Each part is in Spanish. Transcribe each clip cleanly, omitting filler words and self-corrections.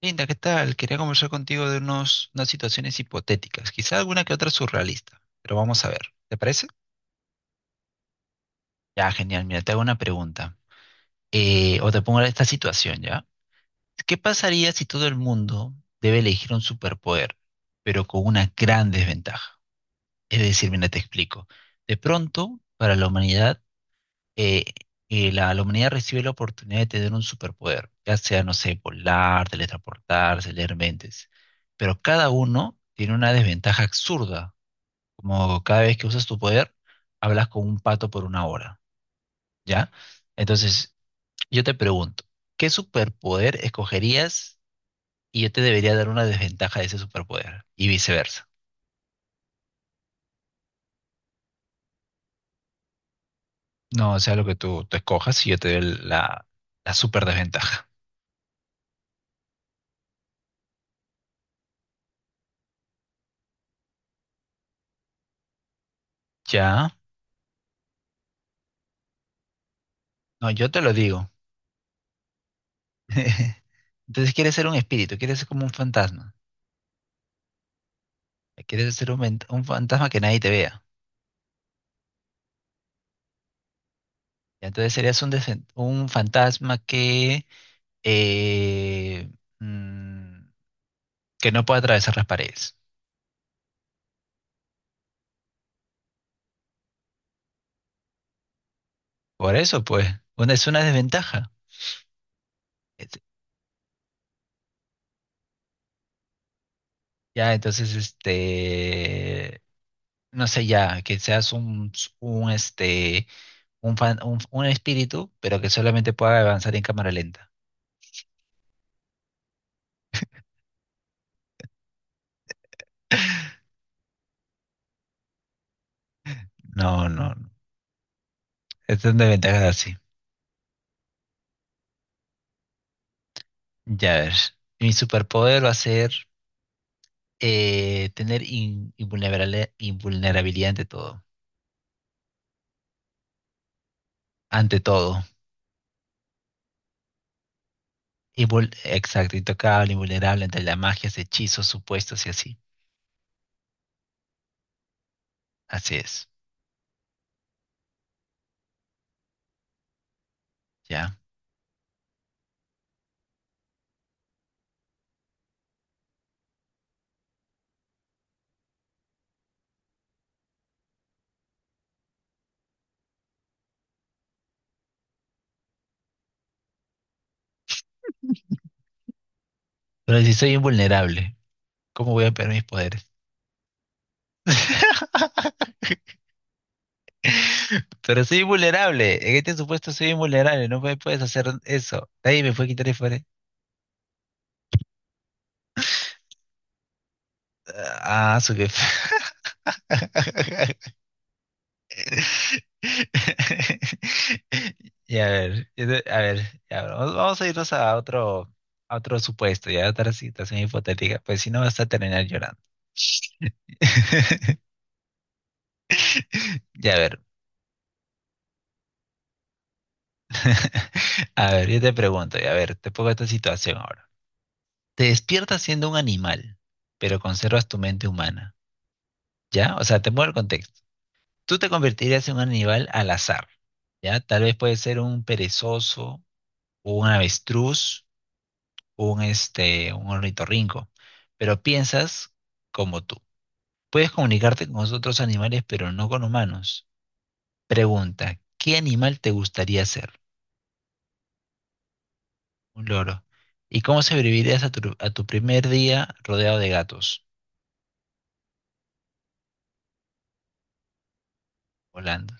Linda, ¿qué tal? Quería conversar contigo de unas situaciones hipotéticas, quizá alguna que otra surrealista, pero vamos a ver. ¿Te parece? Ya, genial. Mira, te hago una pregunta. O te pongo esta situación, ¿ya? ¿Qué pasaría si todo el mundo debe elegir un superpoder, pero con una gran desventaja? Es decir, mira, te explico. De pronto, para la humanidad, eh, la humanidad recibe la oportunidad de tener un superpoder, ya sea, no sé, volar, teletransportarse, leer mentes, pero cada uno tiene una desventaja absurda, como cada vez que usas tu poder, hablas con un pato por una hora, ¿ya? Entonces, yo te pregunto, ¿qué superpoder escogerías y yo te debería dar una desventaja de ese superpoder? Y viceversa. No, o sea, lo que tú escojas y yo te doy la super desventaja. Ya, no, yo te lo digo. Entonces quieres ser un espíritu, quieres ser como un fantasma, quieres ser un fantasma que nadie te vea. Y entonces serías un fantasma que, eh, mm, que no puede atravesar las paredes. Por eso, pues, es una desventaja. Et- ya, entonces, este, no sé, ya, que seas un, este, un, fan- un espíritu, pero que solamente pueda avanzar en cámara lenta. No, no, no. Es una desventaja así. Ya ves, mi superpoder va a ser tener invulnerabilidad ante todo. Ante todo. Exacto, intocable, invulnerable ante las magias, hechizos, supuestos y así. Así es, ya. Pero si soy invulnerable, ¿cómo voy a perder mis poderes? Pero soy invulnerable. En este supuesto soy invulnerable. No me puedes hacer eso. Nadie me puede quitar el poder. Ah, su jefe. Y a ver, a ver, ya, bueno, vamos, vamos a irnos a otro supuesto, ya a otra situación hipotética, pues si no vas a terminar llorando. Ya a ver, a ver, yo te pregunto, y a ver, te pongo esta situación ahora. Te despiertas siendo un animal, pero conservas tu mente humana, ¿ya? O sea, te pongo el contexto. Tú te convertirías en un animal al azar, ¿ya? Tal vez puede ser un perezoso o un avestruz un ornitorrinco, pero piensas como tú. Puedes comunicarte con otros animales, pero no con humanos. Pregunta, ¿qué animal te gustaría ser? Un loro. ¿Y cómo sobrevivirías a tu primer día rodeado de gatos volando?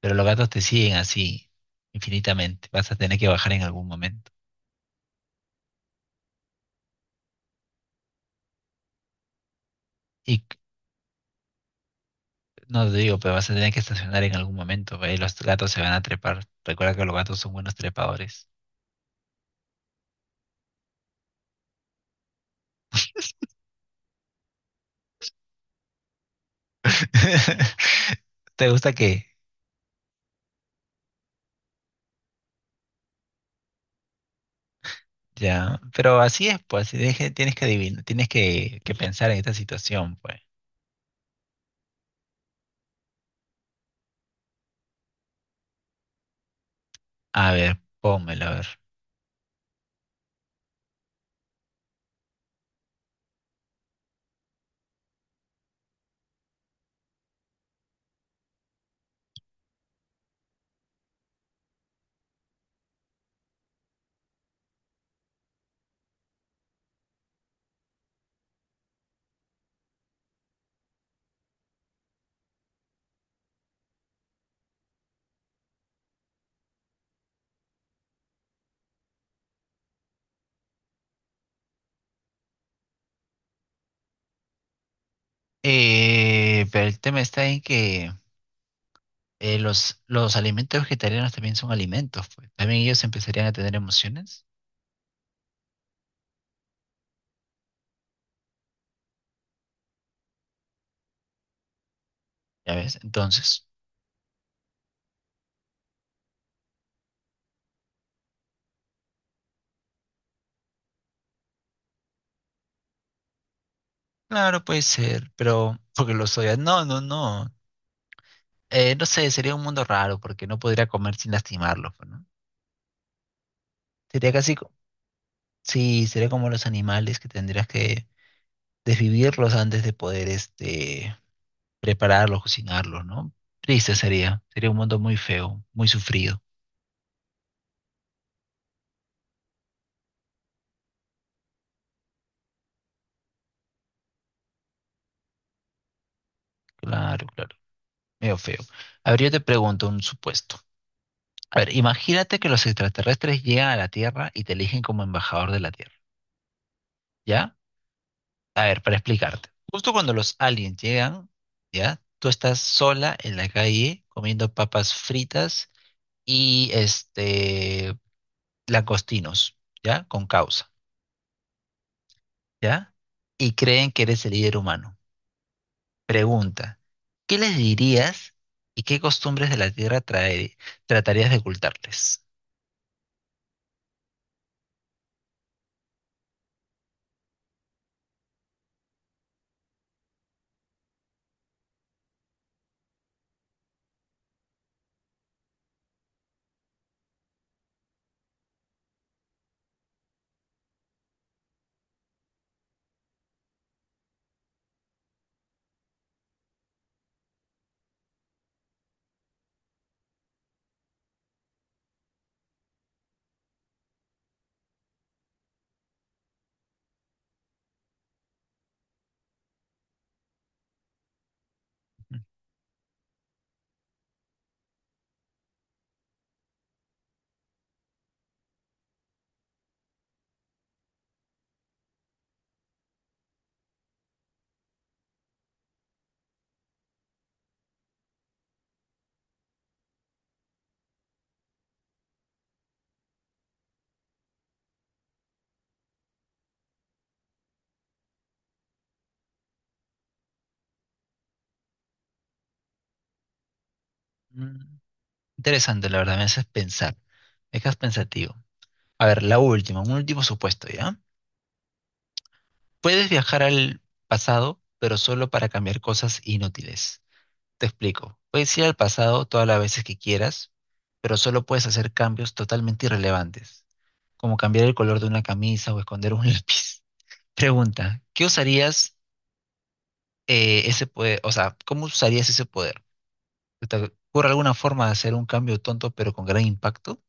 Pero los gatos te siguen así infinitamente. Vas a tener que bajar en algún momento. Y c- no te digo, pero vas a tener que estacionar en algún momento. ¿Ve? Y los gatos se van a trepar. Recuerda que los gatos son buenos trepadores. ¿Te gusta qué? Ya, pero así es, pues, así deje- tienes que adivinar, tienes que pensar en esta situación, pues. A ver, pónmelo, a ver. Pero el tema está en que los alimentos vegetarianos también son alimentos, pues. También ellos empezarían a tener emociones, ¿ya ves? Entonces, claro, puede ser, pero porque lo soy. No, no, no. No sé, sería un mundo raro porque no podría comer sin lastimarlos, pues, ¿no? Sería sí, sería como los animales que tendrías que desvivirlos antes de poder, este, prepararlos, cocinarlos, ¿no? Triste sería, sería un mundo muy feo, muy sufrido. Claro, claro, medio feo. A ver, yo te pregunto un supuesto. A ver, imagínate que los extraterrestres llegan a la Tierra y te eligen como embajador de la Tierra, ¿ya? A ver, para explicarte. Justo cuando los aliens llegan, ¿ya? Tú estás sola en la calle comiendo papas fritas y este langostinos, ¿ya? Con causa, ¿ya? Y creen que eres el líder humano. Pregunta, ¿qué les dirías y qué costumbres de la Tierra tratarías de ocultarles? Mm, interesante, la verdad, me haces pensar, me dejas pensativo. A ver, la última, un último supuesto, ¿ya? Puedes viajar al pasado, pero solo para cambiar cosas inútiles. Te explico, puedes ir al pasado todas las veces que quieras, pero solo puedes hacer cambios totalmente irrelevantes, como cambiar el color de una camisa o esconder un lápiz. Pregunta, ¿qué usarías? Ese poder, o sea, ¿cómo usarías ese poder? ¿Te ocurre alguna forma de hacer un cambio tonto pero con gran impacto?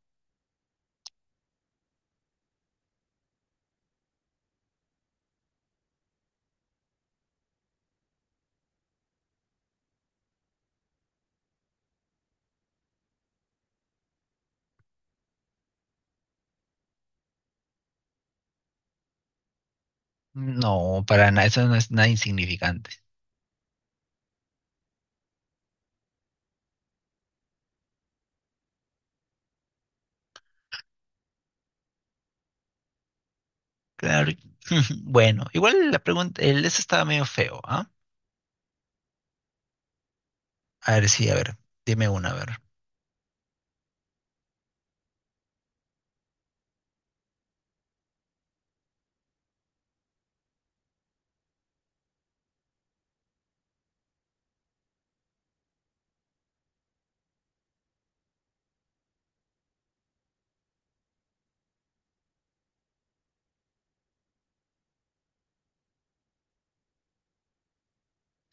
No, para nada, eso no es nada insignificante. Claro. Bueno, igual la pregunta, el eso estaba medio feo, ¿ah? A ver, sí, a ver, dime una, a ver.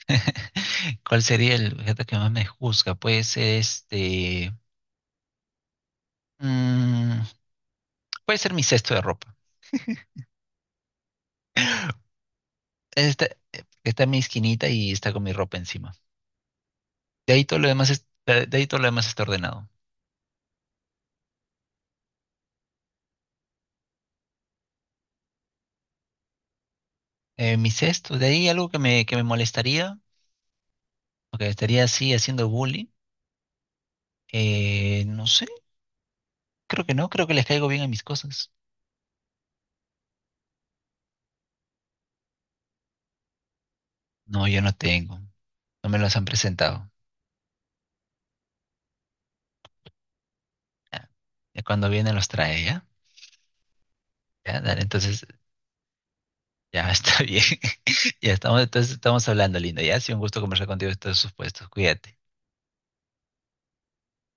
¿Cuál sería el objeto que más me juzga? Puede ser este. mm, Puede ser mi cesto de ropa. Está, está en mi esquinita y está con mi ropa encima. De ahí todo lo demás es- de ahí todo lo demás está ordenado. Mis esto, de ahí algo que me molestaría, o que estaría así haciendo bullying, no sé, creo que no, creo que les caigo bien a mis cosas. No, yo no tengo, no me los han presentado. Ya, ya cuando vienen los trae, ¿ya? Ya, dale, entonces, ya está bien. Ya estamos, entonces estamos hablando, lindo, ya, ha sido un gusto conversar contigo de estos supuestos, cuídate.